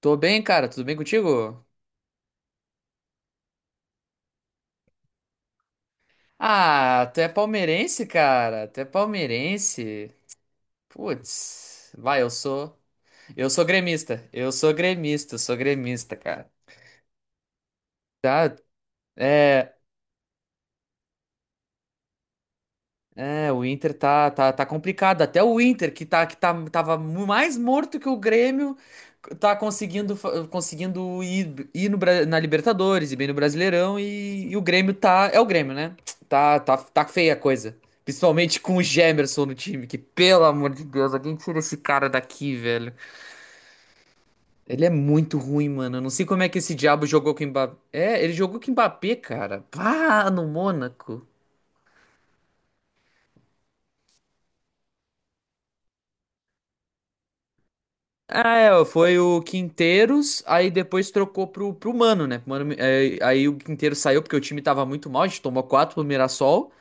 Tô bem, cara. Tudo bem contigo? Ah, tu é palmeirense, cara. Tu é palmeirense. Putz. Vai, eu sou. Eu sou gremista. Eu sou gremista, cara. Tá? É. É, o Inter tá complicado. Até o Inter, que tá, tava mais morto que o Grêmio, tá conseguindo, conseguindo ir no, Bra- na Libertadores e bem no Brasileirão. E o Grêmio tá. É o Grêmio, né? Tá feia a coisa. Principalmente com o Gemerson no time, que pelo amor de Deus, alguém tira esse cara daqui, velho. Ele é muito ruim, mano. Eu não sei como é que esse diabo jogou com o Mbappé. É, ele jogou com o Mbappé, cara. Pá, no Mônaco. Ah, é, ó, foi o Quinteiros, aí depois trocou pro Mano, né? Mano, é, aí o Quinteiros saiu porque o time tava muito mal, a gente tomou quatro pro Mirassol.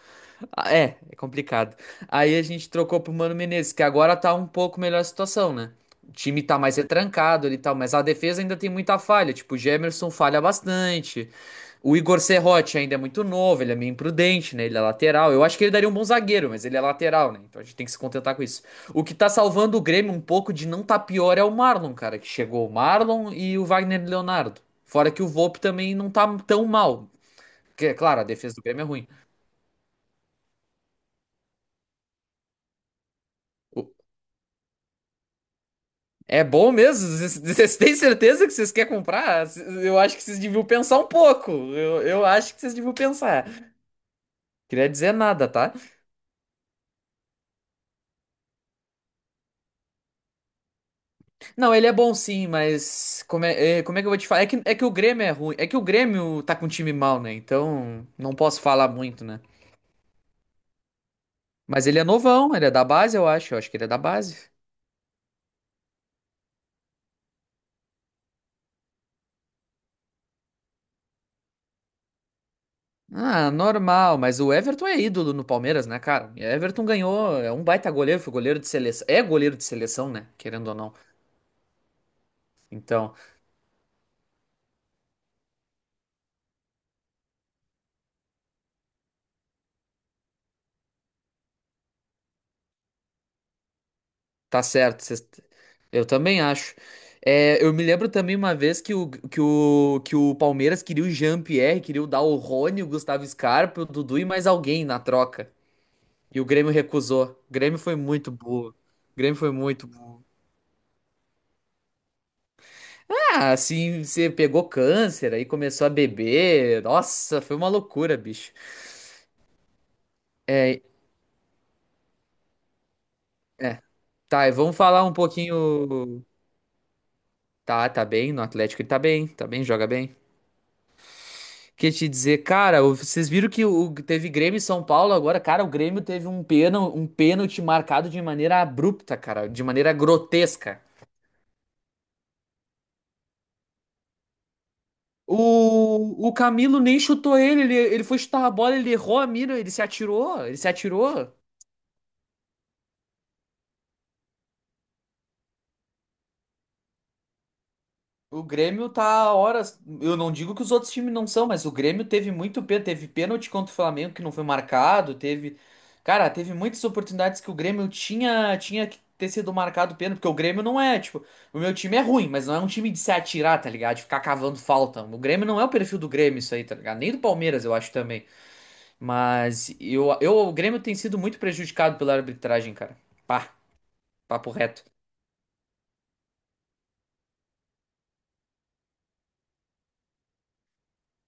Ah, é, é complicado. Aí a gente trocou pro Mano Menezes, que agora tá um pouco melhor a situação, né? O time tá mais retrancado ali e tal, mas a defesa ainda tem muita falha. Tipo, o Jamerson falha bastante. O Igor Serrote ainda é muito novo, ele é meio imprudente, né? Ele é lateral. Eu acho que ele daria um bom zagueiro, mas ele é lateral, né? Então a gente tem que se contentar com isso. O que tá salvando o Grêmio um pouco de não tá pior é o Marlon, cara, que chegou o Marlon e o Wagner Leonardo. Fora que o Volpe também não tá tão mal. Que, é claro, a defesa do Grêmio é ruim. É bom mesmo? Vocês vocês têm certeza que vocês querem comprar? Eu acho que vocês deviam pensar um pouco. Eu acho que vocês deviam pensar. Queria dizer nada, tá? Não, ele é bom sim, mas como como é que eu vou te falar? É que o Grêmio é ruim. É que o Grêmio tá com um time mal, né? Então não posso falar muito, né? Mas ele é novão, ele é da base, eu acho. Eu acho que ele é da base. Ah, normal, mas o Everton é ídolo no Palmeiras, né, cara? E Everton ganhou, é um baita goleiro, foi goleiro de seleção. É goleiro de seleção, né? Querendo ou não. Então. Tá certo, eu também acho. É, eu me lembro também uma vez que o Palmeiras queria o Jean-Pierre, queria dar o Rony, o Gustavo Scarpa, o Dudu e mais alguém na troca. E o Grêmio recusou. O Grêmio foi muito burro. O Grêmio foi muito burro. Ah, assim, você pegou câncer, aí começou a beber. Nossa, foi uma loucura, bicho. É, é. Tá, e vamos falar um pouquinho. Tá bem, no Atlético ele tá bem, joga bem. Que te dizer, cara, vocês viram teve Grêmio e São Paulo agora, cara, o Grêmio teve um pênalti marcado de maneira abrupta, cara, de maneira grotesca. O Camilo nem chutou ele, ele foi chutar a bola, ele errou a mira, ele se atirou, ele se atirou. O Grêmio tá horas. Eu não digo que os outros times não são, mas o Grêmio teve muito pênalti. Teve pênalti contra o Flamengo que não foi marcado. Teve. Cara, teve muitas oportunidades que o Grêmio tinha que ter sido marcado pênalti, porque o Grêmio não é, tipo, o meu time é ruim, mas não é um time de se atirar, tá ligado? De ficar cavando falta. O Grêmio não é o perfil do Grêmio, isso aí, tá ligado? Nem do Palmeiras, eu acho também. Mas o Grêmio tem sido muito prejudicado pela arbitragem, cara. Pá, papo reto.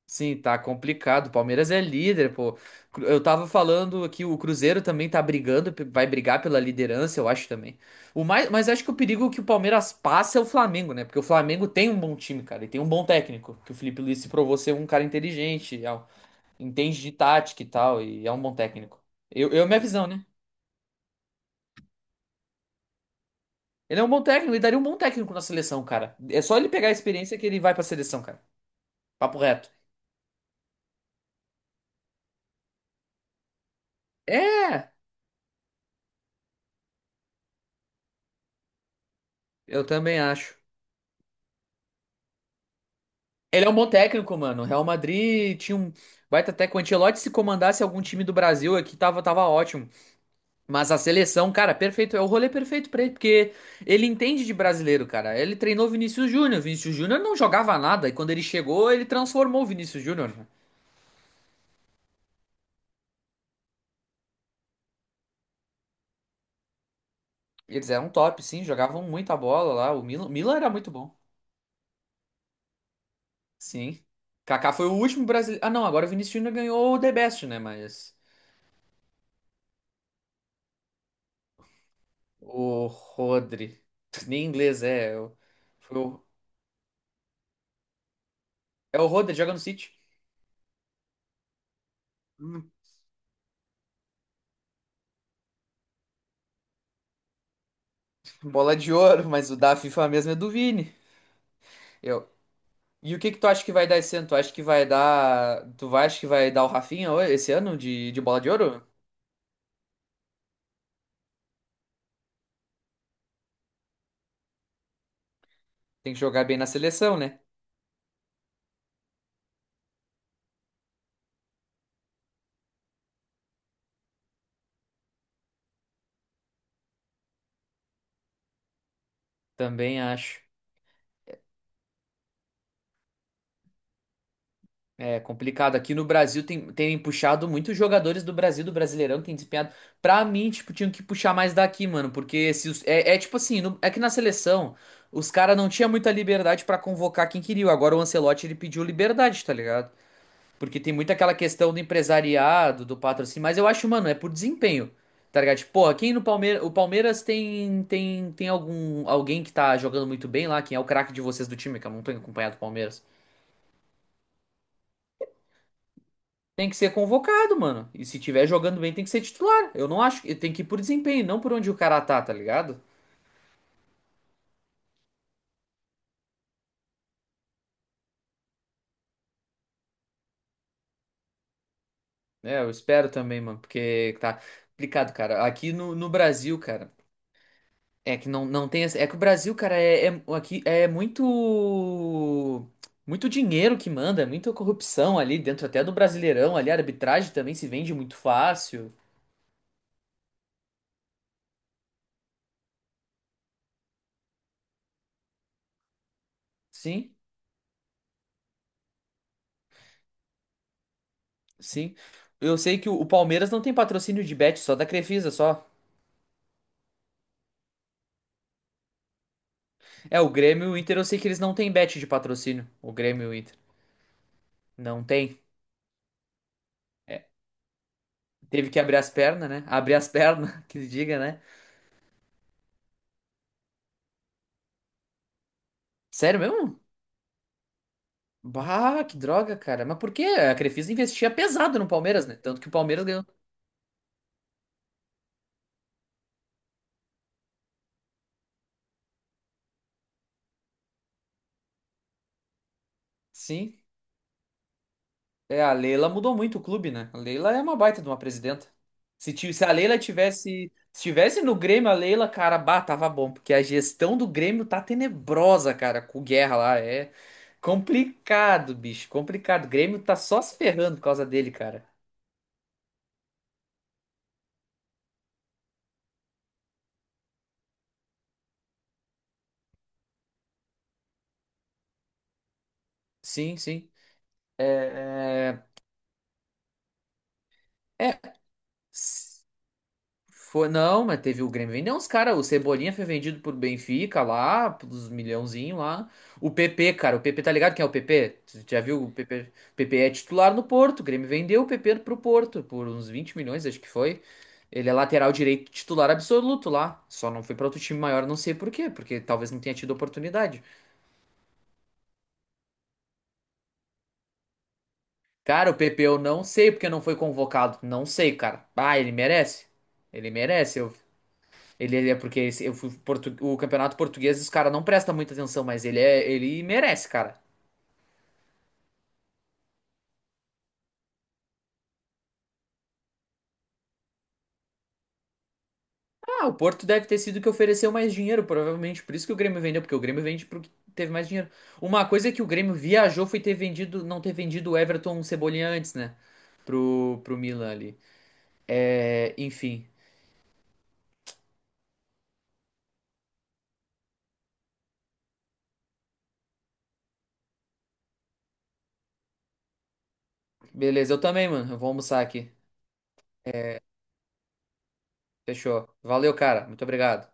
Sim, tá complicado. O Palmeiras é líder, pô. Eu tava falando aqui, o Cruzeiro também tá brigando, vai brigar pela liderança, eu acho também. Mas acho que o perigo que o Palmeiras passa é o Flamengo, né? Porque o Flamengo tem um bom time, cara, e tem um bom técnico, que o Felipe Luiz se provou ser um cara inteligente, entende de tática e tal, e é um bom técnico. Minha visão, né? Ele é um bom técnico e daria um bom técnico na seleção, cara. É só ele pegar a experiência que ele vai pra seleção, cara. Papo reto. É, eu também acho. Ele é um bom técnico, mano. O Real Madrid tinha um baita técnico. O Ancelotti, se comandasse algum time do Brasil aqui, tava ótimo. Mas a seleção, cara, perfeito. É o rolê perfeito pra ele, porque ele entende de brasileiro, cara. Ele treinou Vinícius Júnior. Vinícius Júnior não jogava nada. E quando ele chegou, ele transformou o Vinícius Júnior, né? Eles eram top, sim. Jogavam muita bola lá. O Milan, Milan era muito bom. Sim. Kaká foi o último brasileiro. Ah, não. Agora o Vinícius Júnior ganhou o The Best, né? Mas... O Rodri. Nem inglês, é. Eu... Foi o É o Roder, joga no City. Hum, Bola de Ouro, mas o da FIFA mesmo é do Vini. Eu. E o que que tu acha que vai dar esse ano? Acha que vai dar o Rafinha esse ano de Bola de Ouro? Tem que jogar bem na seleção, né? Também acho. É complicado. Aqui no Brasil tem puxado muitos jogadores do Brasil, do Brasileirão, tem desempenhado. Pra mim, tipo, tinham que puxar mais daqui, mano. Porque se os- é, é tipo assim, é que na seleção os caras não tinham muita liberdade pra convocar quem queria. Agora o Ancelotti ele pediu liberdade, tá ligado? Porque tem muito aquela questão do empresariado, do patrocínio, mas eu acho, mano, é por desempenho. Tá ligado? Tipo, porra, quem no Palmeiras. O Palmeiras tem alguém que tá jogando muito bem lá, quem é o craque de vocês do time, que eu não tenho acompanhado o Palmeiras. Tem que ser convocado, mano. E se tiver jogando bem, tem que ser titular. Eu não acho. Tem que ir por desempenho, não por onde o cara tá, tá ligado? É, eu espero também, mano, porque tá complicado, cara. Aqui no Brasil, cara. É que não, não tem. É que o Brasil, cara, aqui é muito. Muito dinheiro que manda, é muita corrupção ali dentro até do Brasileirão ali. A arbitragem também se vende muito fácil. Sim, sim. Eu sei que o Palmeiras não tem patrocínio de bet, só da Crefisa, só. É, o Grêmio e o Inter, eu sei que eles não têm bet de patrocínio. O Grêmio e o Inter. Não tem. É, teve que abrir as pernas, né? Abrir as pernas, que se diga, né? Sério mesmo? Bah, que droga, cara. Mas por quê? A Crefisa investia pesado no Palmeiras, né? Tanto que o Palmeiras ganhou. Sim. É, a Leila mudou muito o clube, né? A Leila é uma baita de uma presidenta. Se tivesse no Grêmio, a Leila, cara, bah, tava bom, porque a gestão do Grêmio tá tenebrosa, cara, com o Guerra lá, é complicado, bicho, complicado. O Grêmio tá só se ferrando por causa dele, cara. Sim, sim. É, é, é, foi, não, mas teve o Grêmio vendeu uns caras. O Cebolinha foi vendido por Benfica lá, pelos milhãozinho lá. O PP, cara, o PP tá ligado quem é o PP? Tu já viu o PP? O PP é titular no Porto. O Grêmio vendeu o PP pro Porto por uns 20 milhões, acho que foi. Ele é lateral direito titular absoluto lá. Só não foi pra outro time maior, não sei por quê, porque talvez não tenha tido oportunidade. Cara, o PP eu não sei porque não foi convocado. Não sei, cara. Ah, ele merece. Ele merece. Ele é porque o campeonato português os caras não prestam muita atenção, mas ele merece, cara. Ah, o Porto deve ter sido o que ofereceu mais dinheiro, provavelmente. Por isso que o Grêmio vendeu, porque o Grêmio vende porque teve mais dinheiro. Uma coisa é que o Grêmio viajou foi ter vendido, não ter vendido o Everton Cebolinha antes, né? Pro Milan ali. É, enfim. Beleza, eu também, mano. Eu vou almoçar aqui. É, fechou. Valeu, cara. Muito obrigado.